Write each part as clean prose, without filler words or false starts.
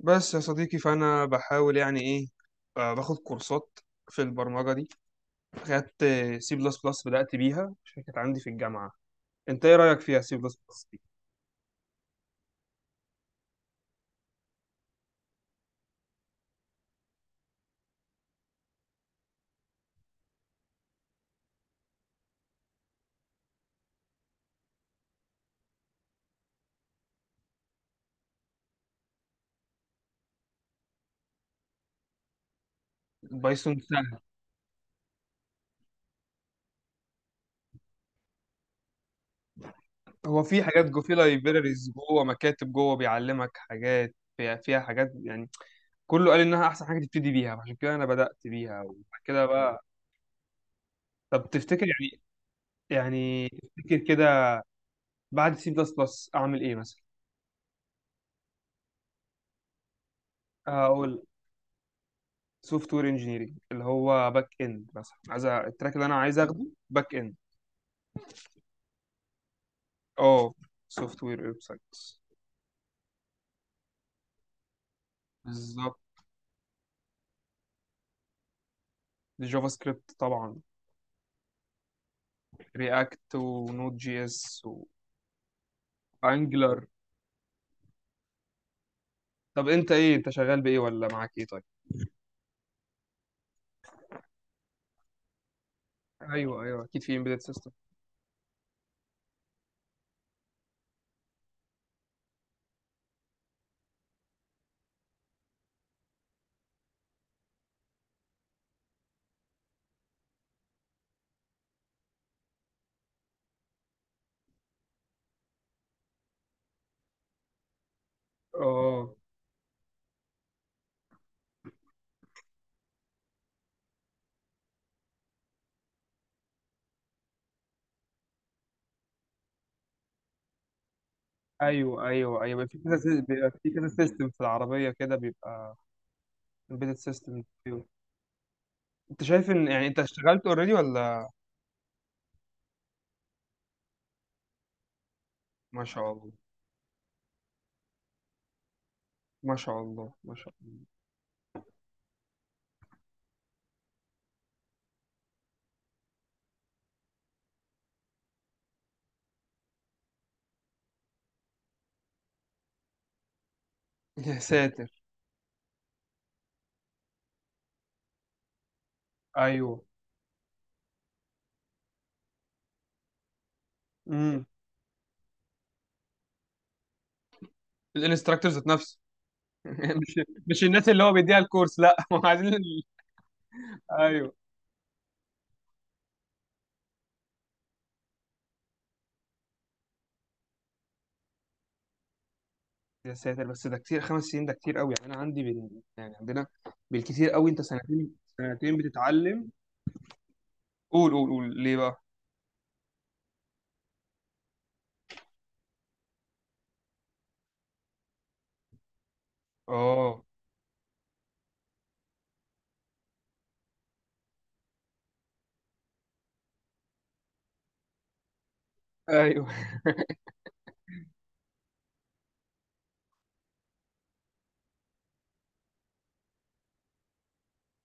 بس يا صديقي فأنا بحاول يعني إيه، باخد كورسات في البرمجة دي. خدت سي بلس بلس، بدأت بيها عشان كانت عندي في الجامعة. أنت إيه رأيك فيها سي بلس بلس دي؟ البايثون سهل. هو في حاجات جو، في لايبريريز جوه، مكاتب جوه بيعلمك حاجات، فيها حاجات يعني. كله قال إنها أحسن حاجة تبتدي بيها، عشان كده أنا بدأت بيها، وبعد كده بقى طب تفتكر يعني، تفتكر كده بعد سي بلس بلس أعمل إيه مثلا؟ أقول سوفت وير انجينيرنج، اللي هو باك اند مثلا. عايز التراك اللي انا عايز اخده باك اند. اه، سوفت وير، ويب سايتس. بالظبط. جافا سكريبت طبعا. رياكت ونود جي اس. وانجلر. طب انت ايه، انت شغال بايه، ولا معاك ايه طيب؟ ايوه ايوه، اكيد في امبيدد سيستم. اه، ايوه ايوه ايوه، في كذا بيبقى في كذا سيستم في العربيه كده، بيبقى امبيدد سيستم. انت شايف ان يعني انت اشتغلت اوريدي ولا؟ ما شاء الله، ما شاء الله، ما شاء الله. يا ساتر. ايوه. امم. الانستراكتور ذات نفسه. مش مش الناس اللي هو بيديها الكورس لا. ما هو عايزين ايوه. يا ساتر، بس ده كتير، 5 سنين ده كتير قوي يعني. انا عندي بال... يعني عندنا بالكتير قوي، انت سنتين، بتتعلم. قول قول قول ليه بقى. اه. ايوه.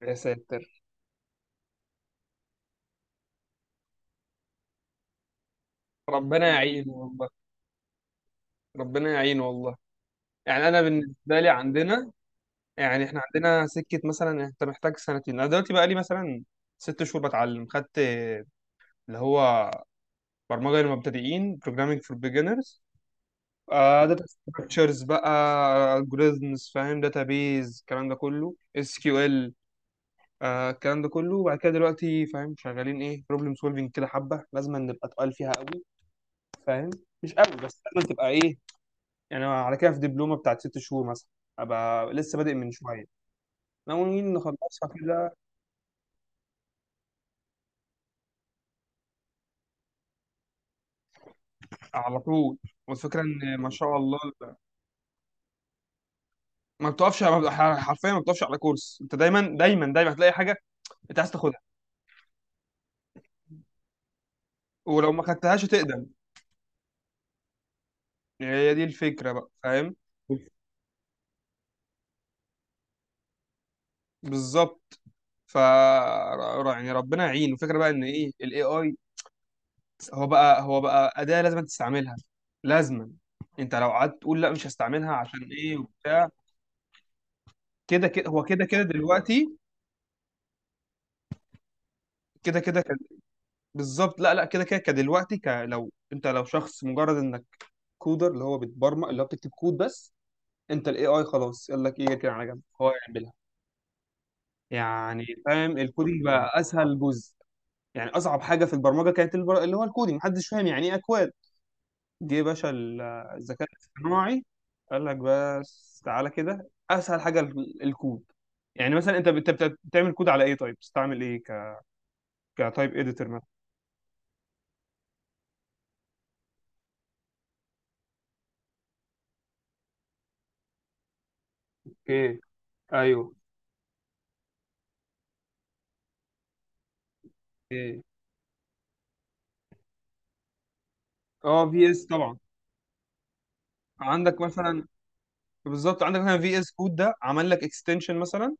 يا ساتر. ربنا يعين والله. ربنا يعين والله. يعني انا بالنسبه لي عندنا، يعني احنا عندنا سكه، مثلا انت محتاج سنتين. انا دلوقتي بقى لي مثلا 6 شهور بتعلم. خدت اللي هو برمجة للمبتدئين programming for beginners، اه داتا ستراكشرز بقى، algorithms، فاهم، database، الكلام ده كله SQL، آه الكلام ده كله. وبعد كده دلوقتي فاهم شغالين ايه، problem solving، كده حبة لازم نبقى تقال فيها قوي، فاهم، مش قوي بس لازم تبقى ايه. يعني أنا على كده في دبلومة بتاعت 6 شهور مثلا، ابقى لسه بادئ من شوية، ناويين نخلصها كده. على طول. والفكرة ان ما شاء الله ما بتقفش، ما بت- حرفيا ما بتقفش على كورس. انت دايما دايما دايما هتلاقي حاجة انت عايز تاخدها، ولو ما خدتهاش هتقدم. يعني هي دي الفكرة بقى، فاهم. بالظبط. يعني ربنا يعين. الفكرة بقى ان ايه، الاي اي هو بقى أداة لازم تستعملها لازما. انت لو قعدت تقول لا مش هستعملها عشان ايه وبتاع، كده كده هو، كده كده دلوقتي كده كده كان- بالظبط. لا لا، كده كده كدلوقتي لو انت لو شخص مجرد انك كودر، اللي هو بتبرمج، اللي هو بتكتب كود بس، انت الاي اي خلاص يقول لك ايه كده على جنب، هو يعملها. يعني فاهم، الكودينج بقى اسهل جزء. يعني اصعب حاجه في البرمجه كانت اللي هو الكودينج، محدش فاهم يعني ايه اكواد. جه يا باشا الذكاء الاصطناعي، قال لك بس تعالى كده اسهل حاجه الكود. يعني مثلا انت بتعمل كود على ايه، طيب بتستعمل ايه كتايب اديتور مثلا. اوكي. ايوه. ايه. اه، في اس طبعا. عندك مثلا، بالظبط، عندك مثلا في اس كود ده عمل لك اكستنشن مثلا.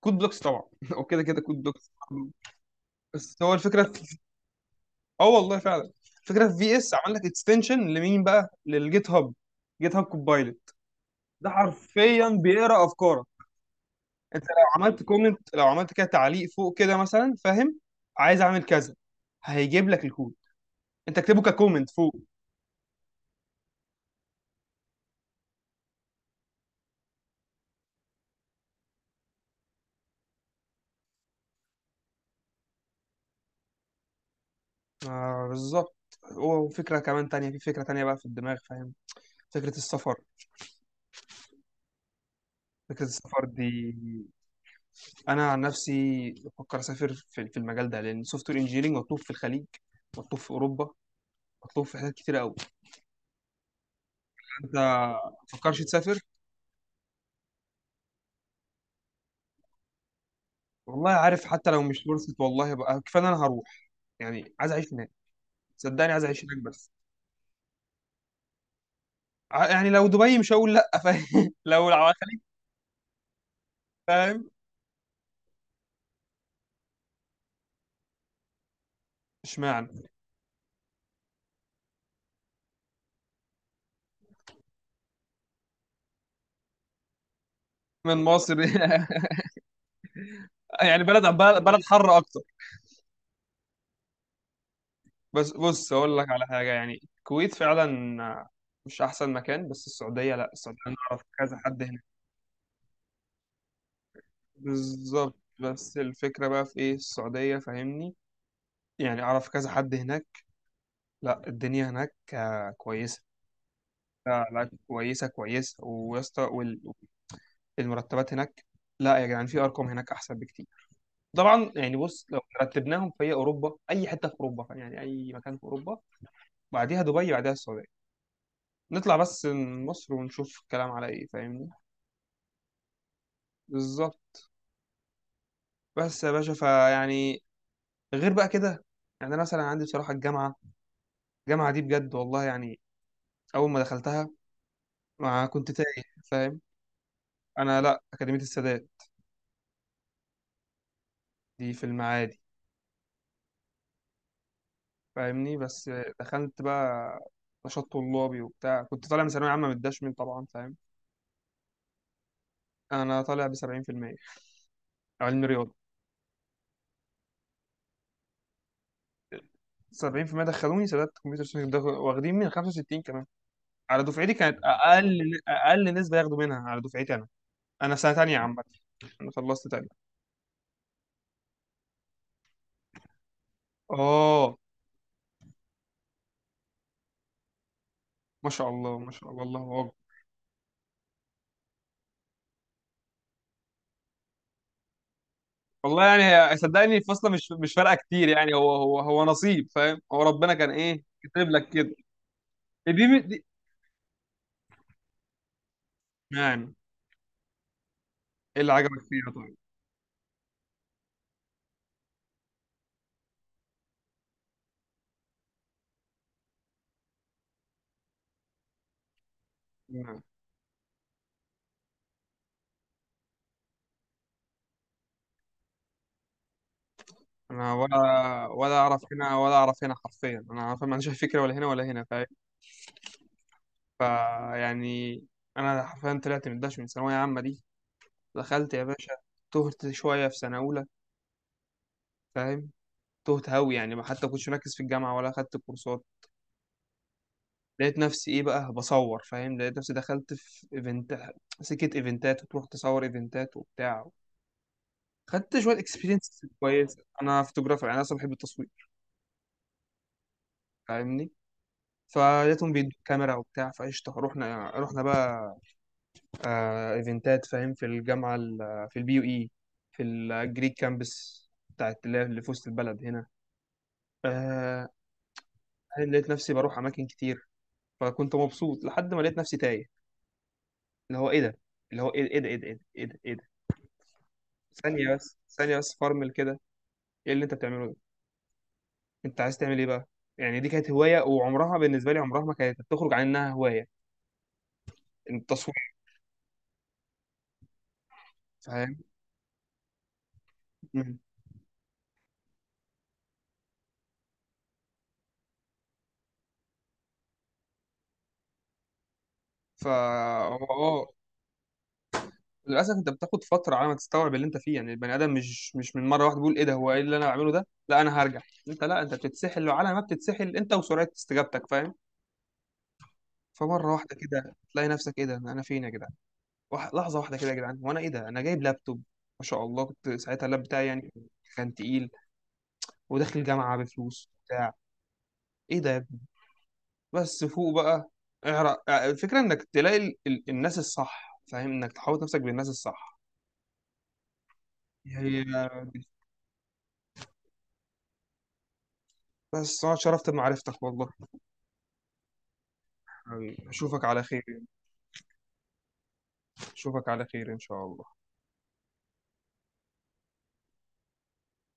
كود بلوكس طبعا. وكده كده كود بلوكس. بس هو الفكره. اه والله فعلا، فكره في في اس عمل لك اكستنشن لمين بقى، للجيت هاب. جيت هاب كوبايلوت ده حرفيا بيقرا افكارك. انت لو عملت كومنت، لو عملت كده تعليق فوق كده مثلا، فاهم، عايز اعمل كذا، هيجيب لك الكود، انت اكتبه ككومنت فوق. آه بالظبط. وفكره كمان تانية، في فكره تانية بقى في الدماغ، فاهم، فكره السفر. دي انا عن نفسي بفكر اسافر في المجال ده، لان سوفت وير انجينيرنج مطلوب في الخليج، مطلوب في اوروبا، مطلوب في حاجات كتير قوي. انت مفكرش تسافر؟ والله عارف، حتى لو مش فرصة والله بقى كفاية إن انا هروح. يعني عايز اعيش هناك، صدقني عايز اعيش هناك بس. يعني لو دبي مش هقول لا، فاهم. لو الخليج فاهم. اشمعنى، من مصر. يعني بلد بلد بلد حر اكتر. بس بص اقول لك على حاجة، يعني الكويت فعلا مش احسن مكان، بس السعودية لا، السعودية انا اعرف كذا حد هناك. بالظبط. بس الفكرة بقى في ايه السعودية، فاهمني، يعني اعرف كذا حد هناك. لا الدنيا هناك كويسة. لا لا، كويسة كويسة ويا اسطى. والمرتبات هناك لا يا جدعان، في أرقام هناك أحسن بكتير طبعا. يعني بص لو رتبناهم، في أوروبا، أي حتة في أوروبا يعني أي مكان في أوروبا، بعديها دبي، بعديها السعودية. نطلع بس من مصر ونشوف الكلام على إيه، فاهمني. بالظبط. بس يا باشا فيعني، غير بقى كده، يعني أنا مثلا عندي بصراحة الجامعة. الجامعة دي بجد والله يعني، أول ما دخلتها ما كنت تايه، فاهم. أنا لا، أكاديمية السادات. دي في المعادي، فاهمني بس. دخلت بقى نشاط طلابي وبتاع، كنت طالع من ثانوية عامة متدشمل طبعا، فاهم. أنا طالع ب 70% علم رياضة. 70% دخلوني سادات كمبيوتر ساينس ده، واخدين من 65 كمان على دفعتي. كانت أقل، أقل نسبة ياخدوا منها على دفعتي أنا. أنا سنة تانية عامة، أنا خلصت تانية. آه، ما شاء الله، ما شاء الله، الله أكبر. والله يعني، صدقني الفصل مش فارقة كتير يعني، هو نصيب فاهم، هو ربنا كان إيه كاتب لك كده. دي دي يعني إيه اللي عجبك فيها طيب؟ نعم. انا ولا، ولا اعرف هنا ولا اعرف هنا حرفيا انا فاهم، ما عنديش أي فكره، ولا هنا ولا هنا، فاهم. فيعني انا حرفيا طلعت من داش، من ثانويه عامه دي، دخلت يا باشا، تهت شويه في سنه اولى، فاهم. تهت هوي يعني، ما حتى كنتش مركز في الجامعه ولا اخدت كورسات. لقيت نفسي ايه بقى، بصور، فاهم، لقيت نفسي دخلت في ايفنت، سكه ايفنتات، وتروح تصور ايفنتات وبتاع. خدت شويه اكسبيرينس كويس، انا فوتوغرافر يعني، انا اصلا بحب التصوير، فاهمني. فلقيتهم بيدوا كاميرا وبتاع، فقشطه رحنا بقى ايفنتات فاهم في الجامعه، في البي يو اي، في الجريك كامبس بتاعت اللي هي اللي في وسط البلد هنا. آه. لقيت نفسي بروح اماكن كتير، فكنت مبسوط لحد ما لقيت نفسي تايه، اللي هو ايه ده، اللي هو ايه، ايه ده ايه ده ايه ده ايه ده إيه ده؟ ثانيه بس، ثانيه بس، فرمل كده، ايه اللي انت بتعمله ده، انت عايز تعمل ايه بقى. يعني دي كانت هوايه، وعمرها بالنسبه لي عمرها ما كانت تخرج عن انها هوايه، التصوير، فاهم. مم. فا. اه. للاسف انت بتاخد فتره على ما تستوعب اللي انت فيه، يعني البني ادم مش من مره واحده بيقول ايه ده هو ايه اللي انا بعمله ده لا انا هرجع. انت لا، انت بتتسحل، وعلى ما بتتسحل انت وسرعه استجابتك، فاهم، فمره واحده كده تلاقي نفسك ايه ده انا فين يا جدعان. لحظه واحده كده يا جدعان، وانا ايه ده انا جايب لابتوب. ما شاء الله، كنت ساعتها اللاب بتاعي يعني كان تقيل، وداخل جامعه بفلوس بتاع ايه ده يا ابني. بس فوق بقى، اعرق الفكره انك تلاقي الناس الصح، فاهم، انك تحاوط نفسك بالناس الصح. هي بس انا اتشرفت بمعرفتك والله. حبيبي اشوفك على خير. اشوفك على خير ان شاء الله.